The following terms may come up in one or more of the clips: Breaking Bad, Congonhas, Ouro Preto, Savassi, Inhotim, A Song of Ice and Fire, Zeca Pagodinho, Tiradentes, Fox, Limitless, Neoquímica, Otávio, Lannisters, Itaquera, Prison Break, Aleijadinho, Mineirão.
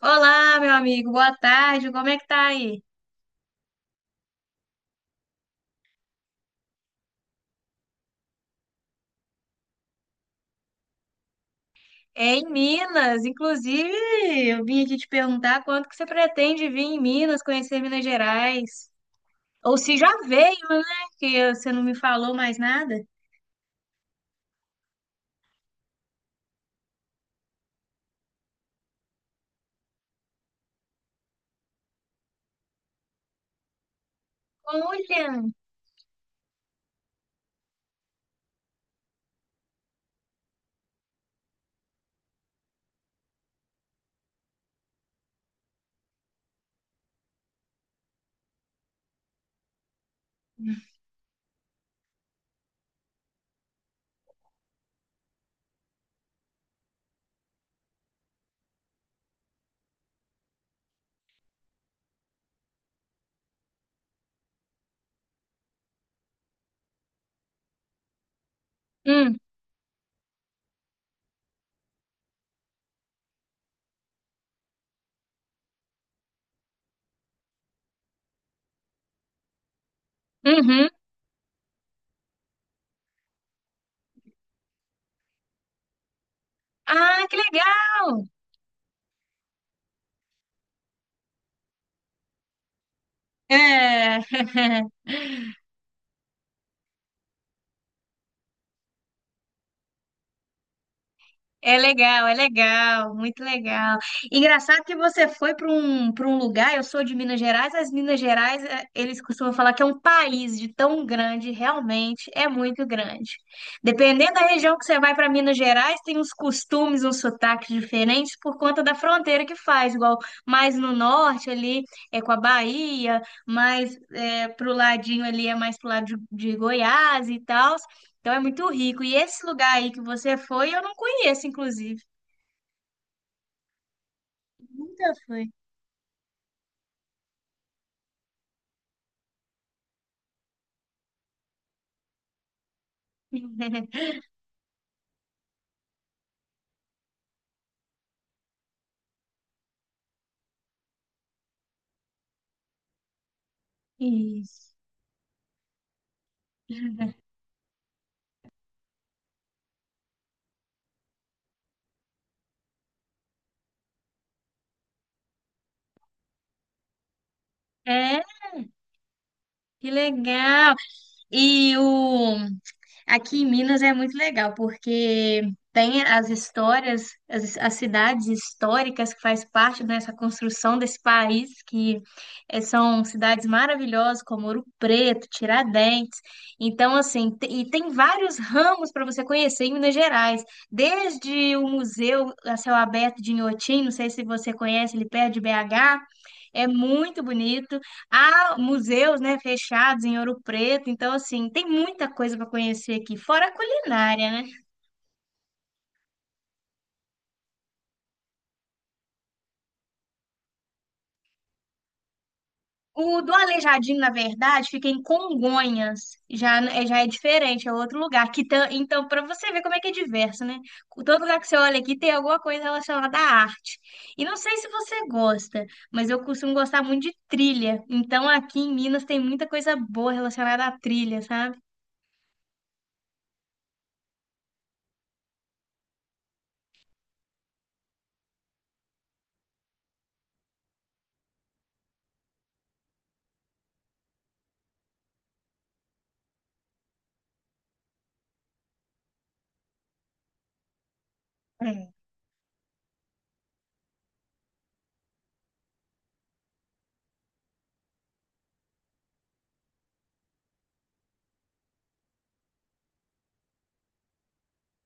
Olá, meu amigo, boa tarde. Como é que tá aí? É em Minas, inclusive, eu vim aqui te perguntar quanto que você pretende vir em Minas, conhecer Minas Gerais. Ou se já veio, né? Que você não me falou mais nada. Olha! Hum, uhum. Ah, que legal! É. É legal, muito legal. Engraçado que você foi para um lugar, eu sou de Minas Gerais, as Minas Gerais, eles costumam falar que é um país de tão grande, realmente é muito grande. Dependendo da região que você vai para Minas Gerais, tem uns costumes, uns sotaques diferentes por conta da fronteira que faz, igual mais no norte ali é com a Bahia, mais para pro ladinho ali é mais pro lado de Goiás e tal. Então é muito rico. E esse lugar aí que você foi, eu não conheço, inclusive. Nunca fui. Isso. É, que legal. E o Aqui em Minas é muito legal, porque tem as histórias, as cidades históricas que faz parte dessa construção desse país, que são cidades maravilhosas, como Ouro Preto, Tiradentes. Então, assim, e tem vários ramos para você conhecer em Minas Gerais, desde o Museu a Céu Aberto de Inhotim, não sei se você conhece, ele perto de BH, é muito bonito. Há museus, né, fechados em Ouro Preto, então assim, tem muita coisa para conhecer aqui, fora a culinária, né? O do Aleijadinho, na verdade, fica em Congonhas, já é diferente, é outro lugar. Que então, para você ver como é que é diverso, né? Todo lugar que você olha aqui tem alguma coisa relacionada à arte. E não sei se você gosta, mas eu costumo gostar muito de trilha. Então, aqui em Minas tem muita coisa boa relacionada à trilha, sabe? É.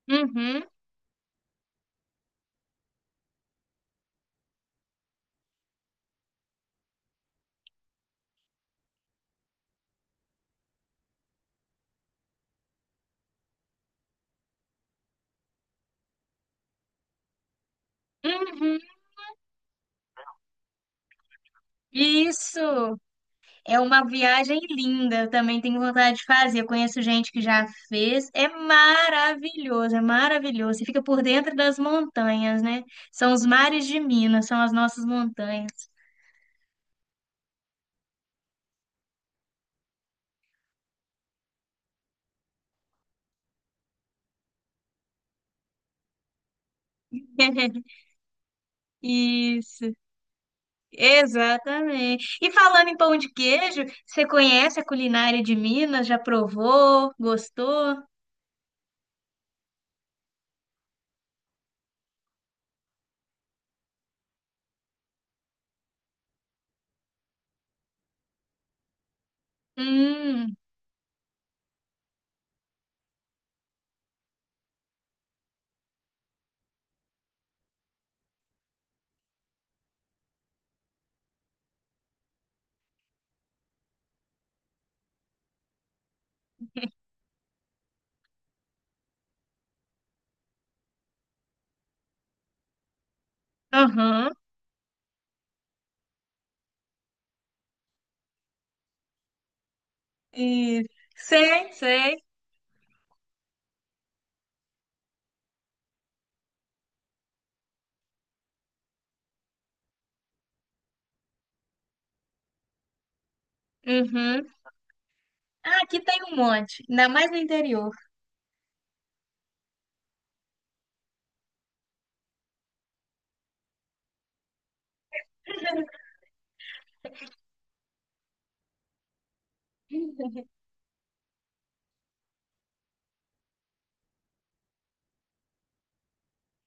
Uhum, uhum. Isso! É uma viagem linda, eu também tenho vontade de fazer. Eu conheço gente que já fez. É maravilhoso, é maravilhoso. Você fica por dentro das montanhas, né? São os mares de Minas, são as nossas montanhas. Isso, exatamente. E falando em pão de queijo, você conhece a culinária de Minas? Já provou? Gostou? Hum, aham. Isso. Sei, sei. Uhum. Ah, aqui tem um monte, ainda mais no interior.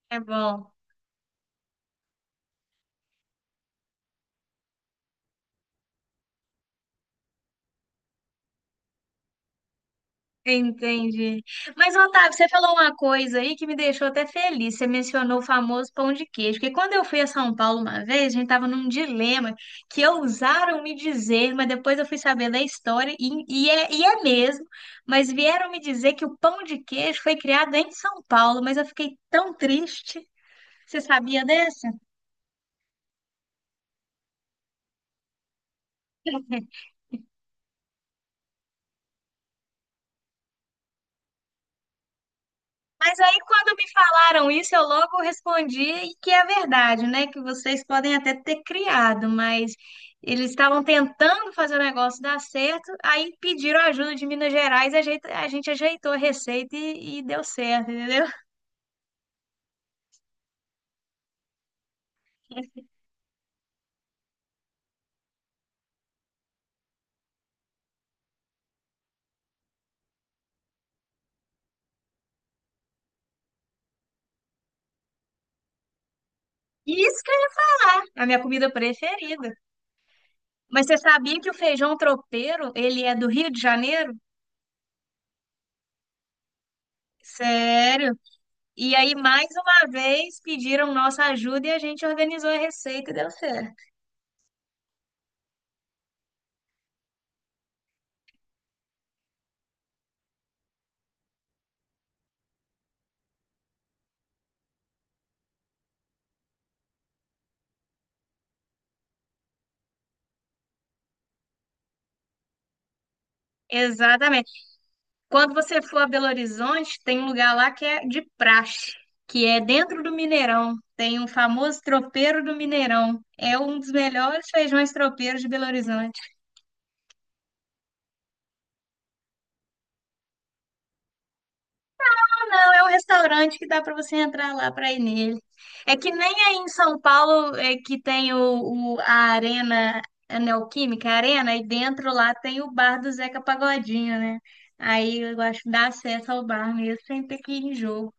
É bom, entendi. Mas, Otávio, você falou uma coisa aí que me deixou até feliz. Você mencionou o famoso pão de queijo, porque quando eu fui a São Paulo uma vez, a gente estava num dilema que ousaram me dizer, mas depois eu fui saber da história, e é mesmo, mas vieram me dizer que o pão de queijo foi criado em São Paulo, mas eu fiquei tão triste. Você sabia dessa? Mas aí, quando me falaram isso, eu logo respondi e que é verdade, né? Que vocês podem até ter criado, mas eles estavam tentando fazer o negócio dar certo, aí pediram ajuda de Minas Gerais, a gente ajeitou a receita e deu certo, entendeu? isca a minha comida preferida. Mas você sabia que o feijão tropeiro, ele é do Rio de Janeiro? Sério? E aí, mais uma vez, pediram nossa ajuda e a gente organizou a receita e deu certo. Exatamente. Quando você for a Belo Horizonte, tem um lugar lá que é de praxe, que é dentro do Mineirão. Tem um famoso tropeiro do Mineirão. É um dos melhores feijões tropeiros de Belo Horizonte. Ah, não, é um restaurante que dá para você entrar lá para ir nele. É que nem aí em São Paulo é que tem a Arena a Neoquímica, a Arena, e dentro lá tem o bar do Zeca Pagodinho, né? Aí eu acho que dá acesso ao bar mesmo sem ter que ir em jogo.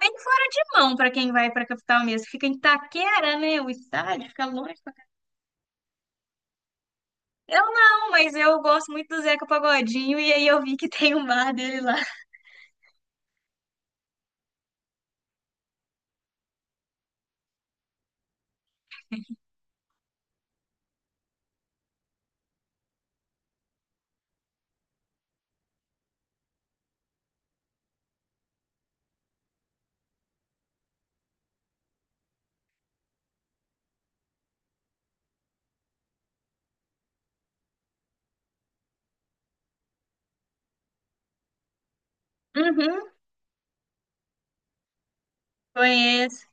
Bem fora de mão para quem vai para a capital mesmo. Fica em Itaquera, né? O estádio fica longe. Eu não, mas eu gosto muito do Zeca Pagodinho e aí eu vi que tem o bar dele lá. Uhum, conheço.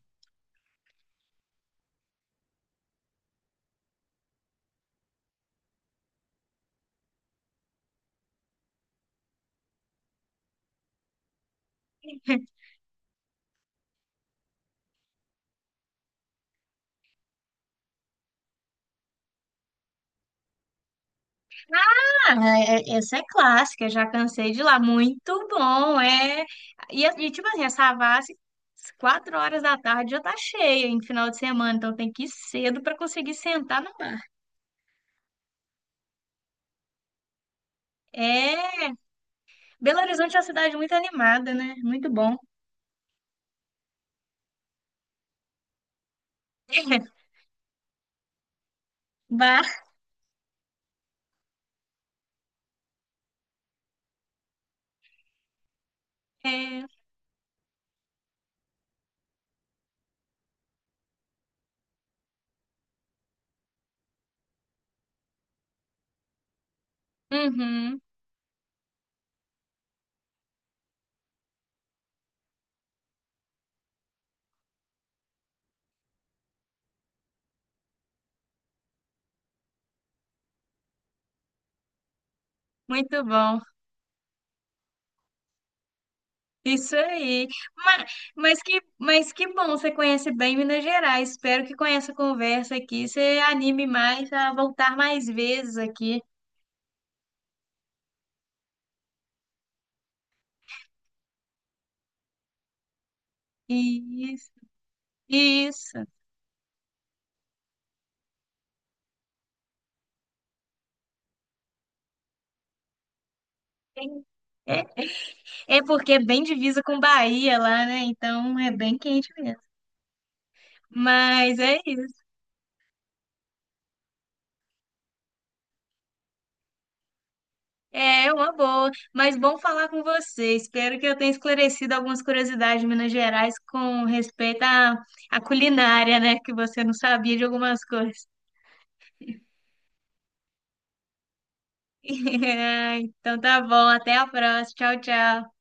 Ah, essa é clássica, já cansei de ir lá. Muito bom, é. E, tipo assim, essa Savassi, às 4 horas da tarde já tá cheia em final de semana, então tem que ir cedo para conseguir sentar no bar. É. Belo Horizonte é uma cidade muito animada, né? Muito bom. Bar. É, uhum, muito bom. Isso aí. Mas, mas que bom, você conhece bem Minas Gerais. Espero que com essa conversa aqui você anime mais a voltar mais vezes aqui. Isso, isso. É, é é porque é bem divisa com Bahia lá, né? Então é bem quente mesmo. Mas é isso. É é uma boa, mas bom falar com você. Espero que eu tenha esclarecido algumas curiosidades de Minas Gerais com respeito à, à culinária, né? Que você não sabia de algumas coisas. Então tá bom, até a próxima. Tchau, tchau.